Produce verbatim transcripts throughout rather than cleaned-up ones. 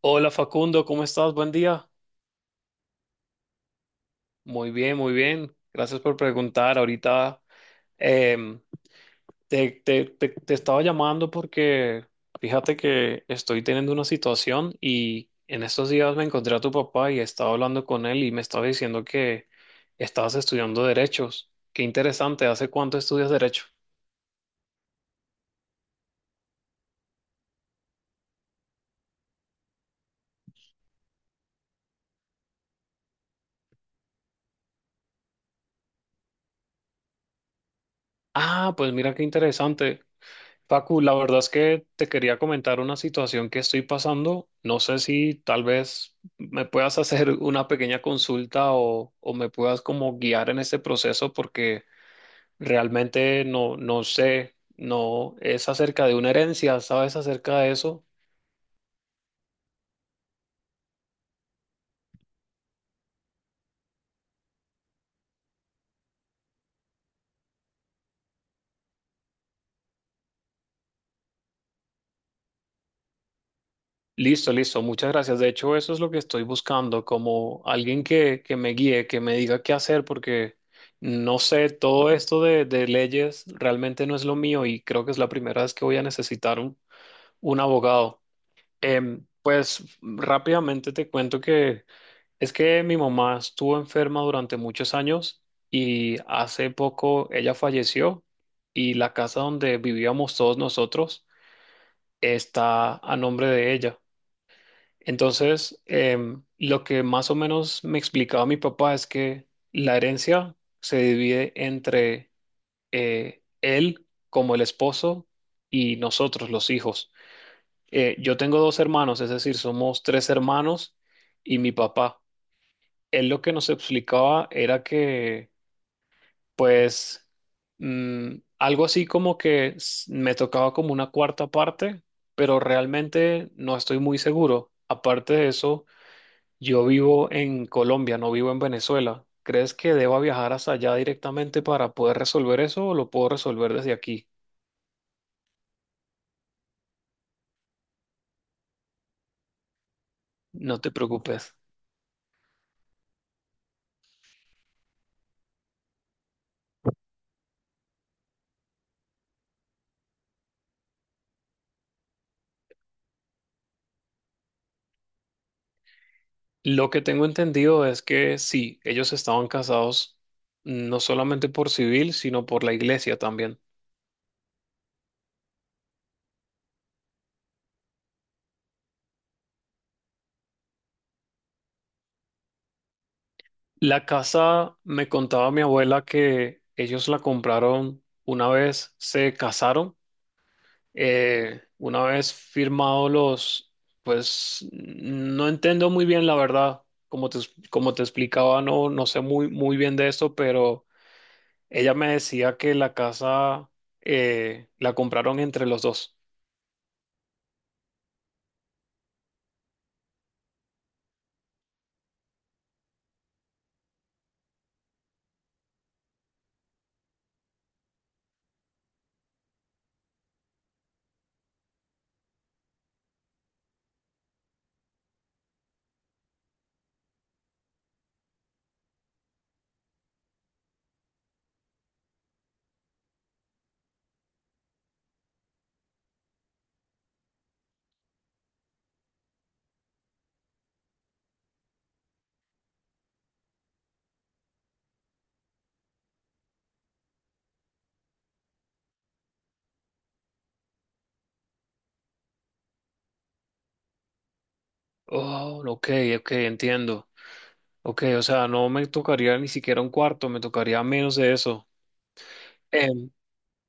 Hola Facundo, ¿cómo estás? Buen día. Muy bien, muy bien. Gracias por preguntar. Ahorita em, te, te- te- te estaba llamando porque fíjate que estoy teniendo una situación y en estos días me encontré a tu papá y estaba hablando con él y me estaba diciendo que estabas estudiando derechos. Qué interesante. ¿Hace cuánto estudias derecho? Ah, pues mira qué interesante. Facu, la verdad es que te quería comentar una situación que estoy pasando. No sé si tal vez me puedas hacer una pequeña consulta o, o me puedas como guiar en este proceso porque realmente no, no sé, no es acerca de una herencia, ¿sabes acerca de eso? Listo, listo, muchas gracias. De hecho, eso es lo que estoy buscando, como alguien que, que me guíe, que me diga qué hacer porque... No sé, todo esto de, de leyes realmente no es lo mío y creo que es la primera vez que voy a necesitar un Un abogado. Em, pues rápidamente te cuento que es que mi mamá estuvo enferma durante muchos años y hace poco ella falleció y la casa donde vivíamos todos nosotros está a nombre de ella. Entonces, em, lo que más o menos me explicaba mi papá es que la herencia se divide entre eh, él como el esposo y nosotros los hijos. Eh, yo tengo dos hermanos, es decir, somos tres hermanos y mi papá. Él lo que nos explicaba era que, pues, mm, algo así como que s- me tocaba como una cuarta parte, pero realmente no estoy muy seguro. Aparte de eso, yo vivo en Colombia, no vivo en Venezuela. ¿Crees que deba viajar hasta allá directamente para poder resolver eso o lo puedo resolver desde aquí? No te preocupes. Lo que tengo entendido es que sí, ellos estaban casados. Mm, no solamente por civil, sino por la iglesia también. La casa, me contaba mi abuela que ellos la compraron una vez se casaron, eh, una vez firmados los, pues no entiendo muy bien la verdad, como te, como te explicaba, no, no sé muy, muy bien de esto, pero ella me decía que la casa eh, la compraron entre los dos. Oh, ok, ok, entiendo. Ok, o sea, no me tocaría ni siquiera un cuarto, me tocaría menos de eso. Em,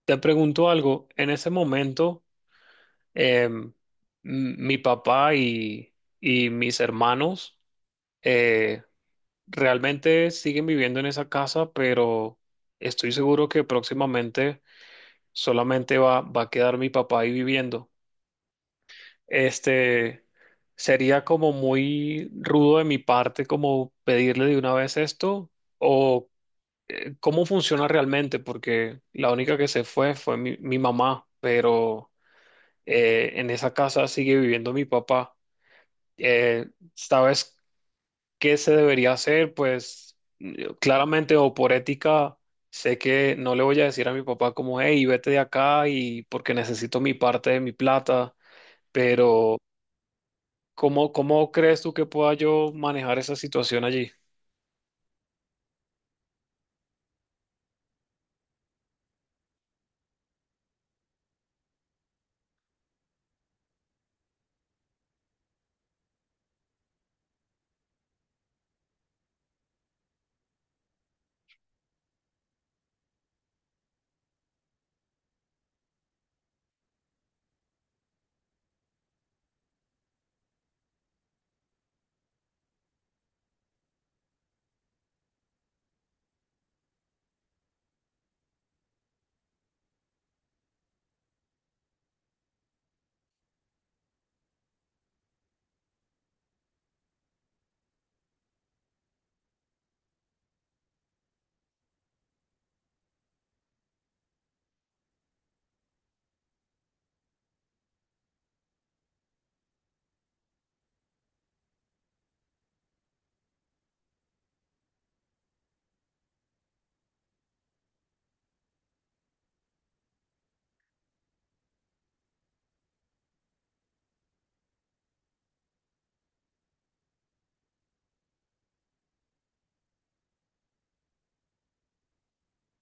te pregunto algo, en ese momento, em, m- mi papá y, y mis hermanos eh, realmente siguen viviendo en esa casa, pero estoy seguro que próximamente solamente va, va a quedar mi papá ahí viviendo. Este sería como muy rudo de mi parte como pedirle de una vez esto o eh, cómo funciona realmente, porque la única que se fue fue mi, mi mamá, pero eh, en esa casa sigue viviendo mi papá. Eh, ¿sabes qué se debería hacer? Pues yo claramente o por ética sé que no le voy a decir a mi papá como, hey, vete de acá y porque necesito mi parte de mi plata, pero ¿cómo, cómo crees tú que pueda yo manejar esa situación allí?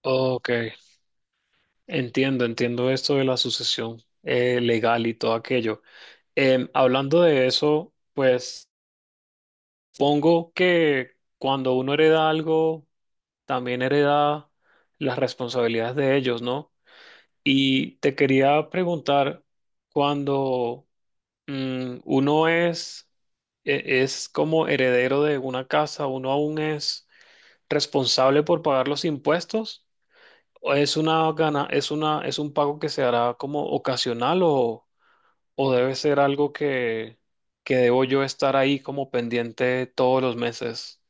Ok, entiendo, entiendo esto de la sucesión eh, legal y todo aquello. Em, hablando de eso, pues pongo que cuando uno hereda algo, también hereda las responsabilidades de ellos, ¿no? Y te quería preguntar, cuando mm, uno es, e- es como heredero de una casa, ¿uno aún es responsable por pagar los impuestos? ¿O es una gana, es una, es un pago que se hará como ocasional o, o debe ser algo que, que debo yo estar ahí como pendiente todos los meses?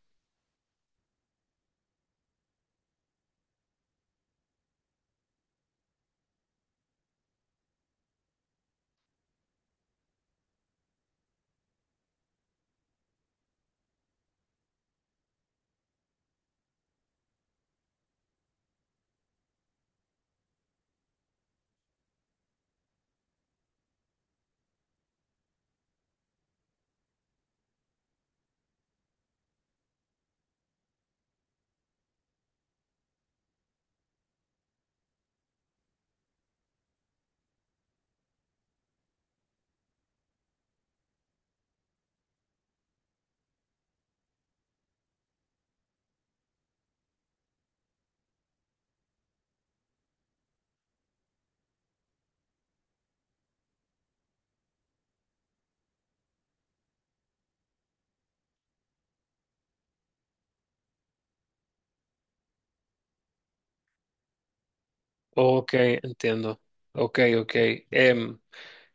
Ok, entiendo. Ok, ok. Em,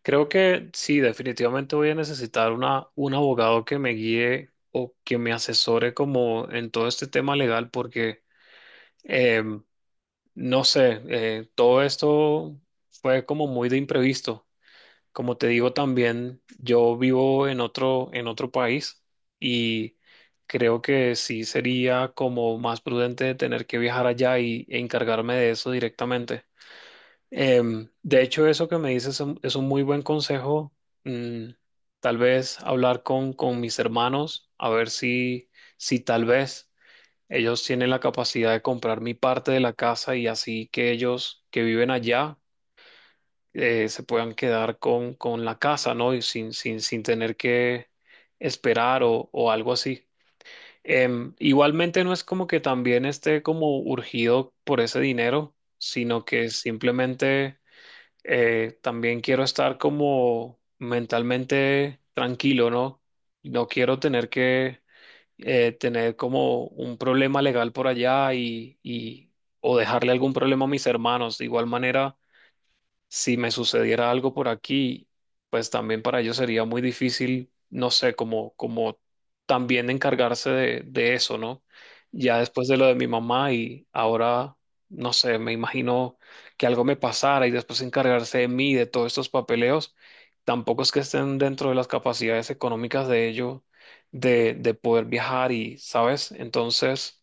creo que sí, definitivamente voy a necesitar una, un abogado que me guíe o que me asesore como en todo este tema legal porque em, no sé, eh, todo esto fue como muy de imprevisto. Como te digo también, yo vivo en otro, en otro país y creo que sí sería como más prudente tener que viajar allá y, e encargarme de eso directamente. Em, de hecho, eso que me dices es un, es un muy buen consejo. Mm, tal vez hablar con, con mis hermanos, a ver si, si tal vez ellos tienen la capacidad de comprar mi parte de la casa y así que ellos que viven allá eh, se puedan quedar con, con la casa, ¿no? Y sin, sin, sin tener que esperar o, o algo así. Em, igualmente no es como que también esté como urgido por ese dinero, sino que simplemente eh, también quiero estar como mentalmente tranquilo, ¿no? No quiero tener que eh, tener como un problema legal por allá y, y o dejarle algún problema a mis hermanos. De igual manera, si me sucediera algo por aquí, pues también para ellos sería muy difícil, no sé, como, como también encargarse de, de eso, ¿no? Ya después de lo de mi mamá y ahora, no sé, me imagino que algo me pasara y después encargarse de mí, de todos estos papeleos, tampoco es que estén dentro de las capacidades económicas de ellos de, de poder viajar y, ¿sabes? Entonces...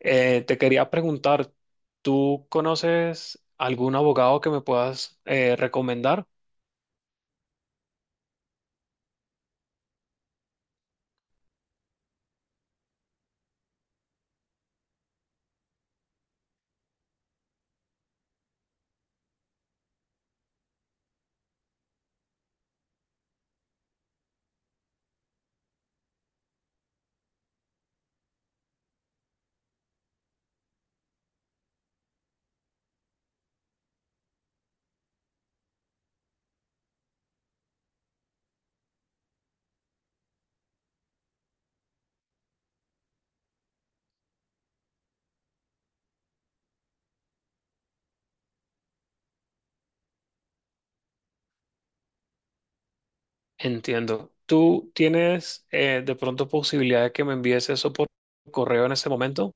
Eh, te quería preguntar, ¿tú conoces algún abogado que me puedas eh, recomendar? Entiendo. ¿Tú tienes eh, de pronto posibilidad de que me envíes eso por correo en este momento?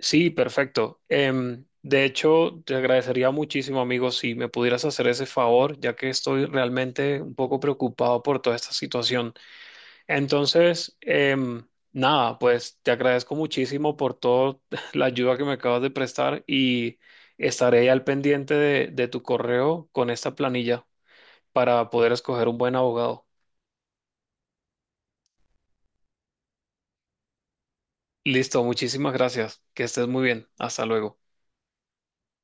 Sí, perfecto. Em, de hecho, te agradecería muchísimo, amigo, si me pudieras hacer ese favor, ya que estoy realmente un poco preocupado por toda esta situación. Entonces, em, nada, pues te agradezco muchísimo por toda la ayuda que me acabas de prestar y estaré al pendiente de, de tu correo con esta planilla para poder escoger un buen abogado. Listo, muchísimas gracias. Que estés muy bien. Hasta luego.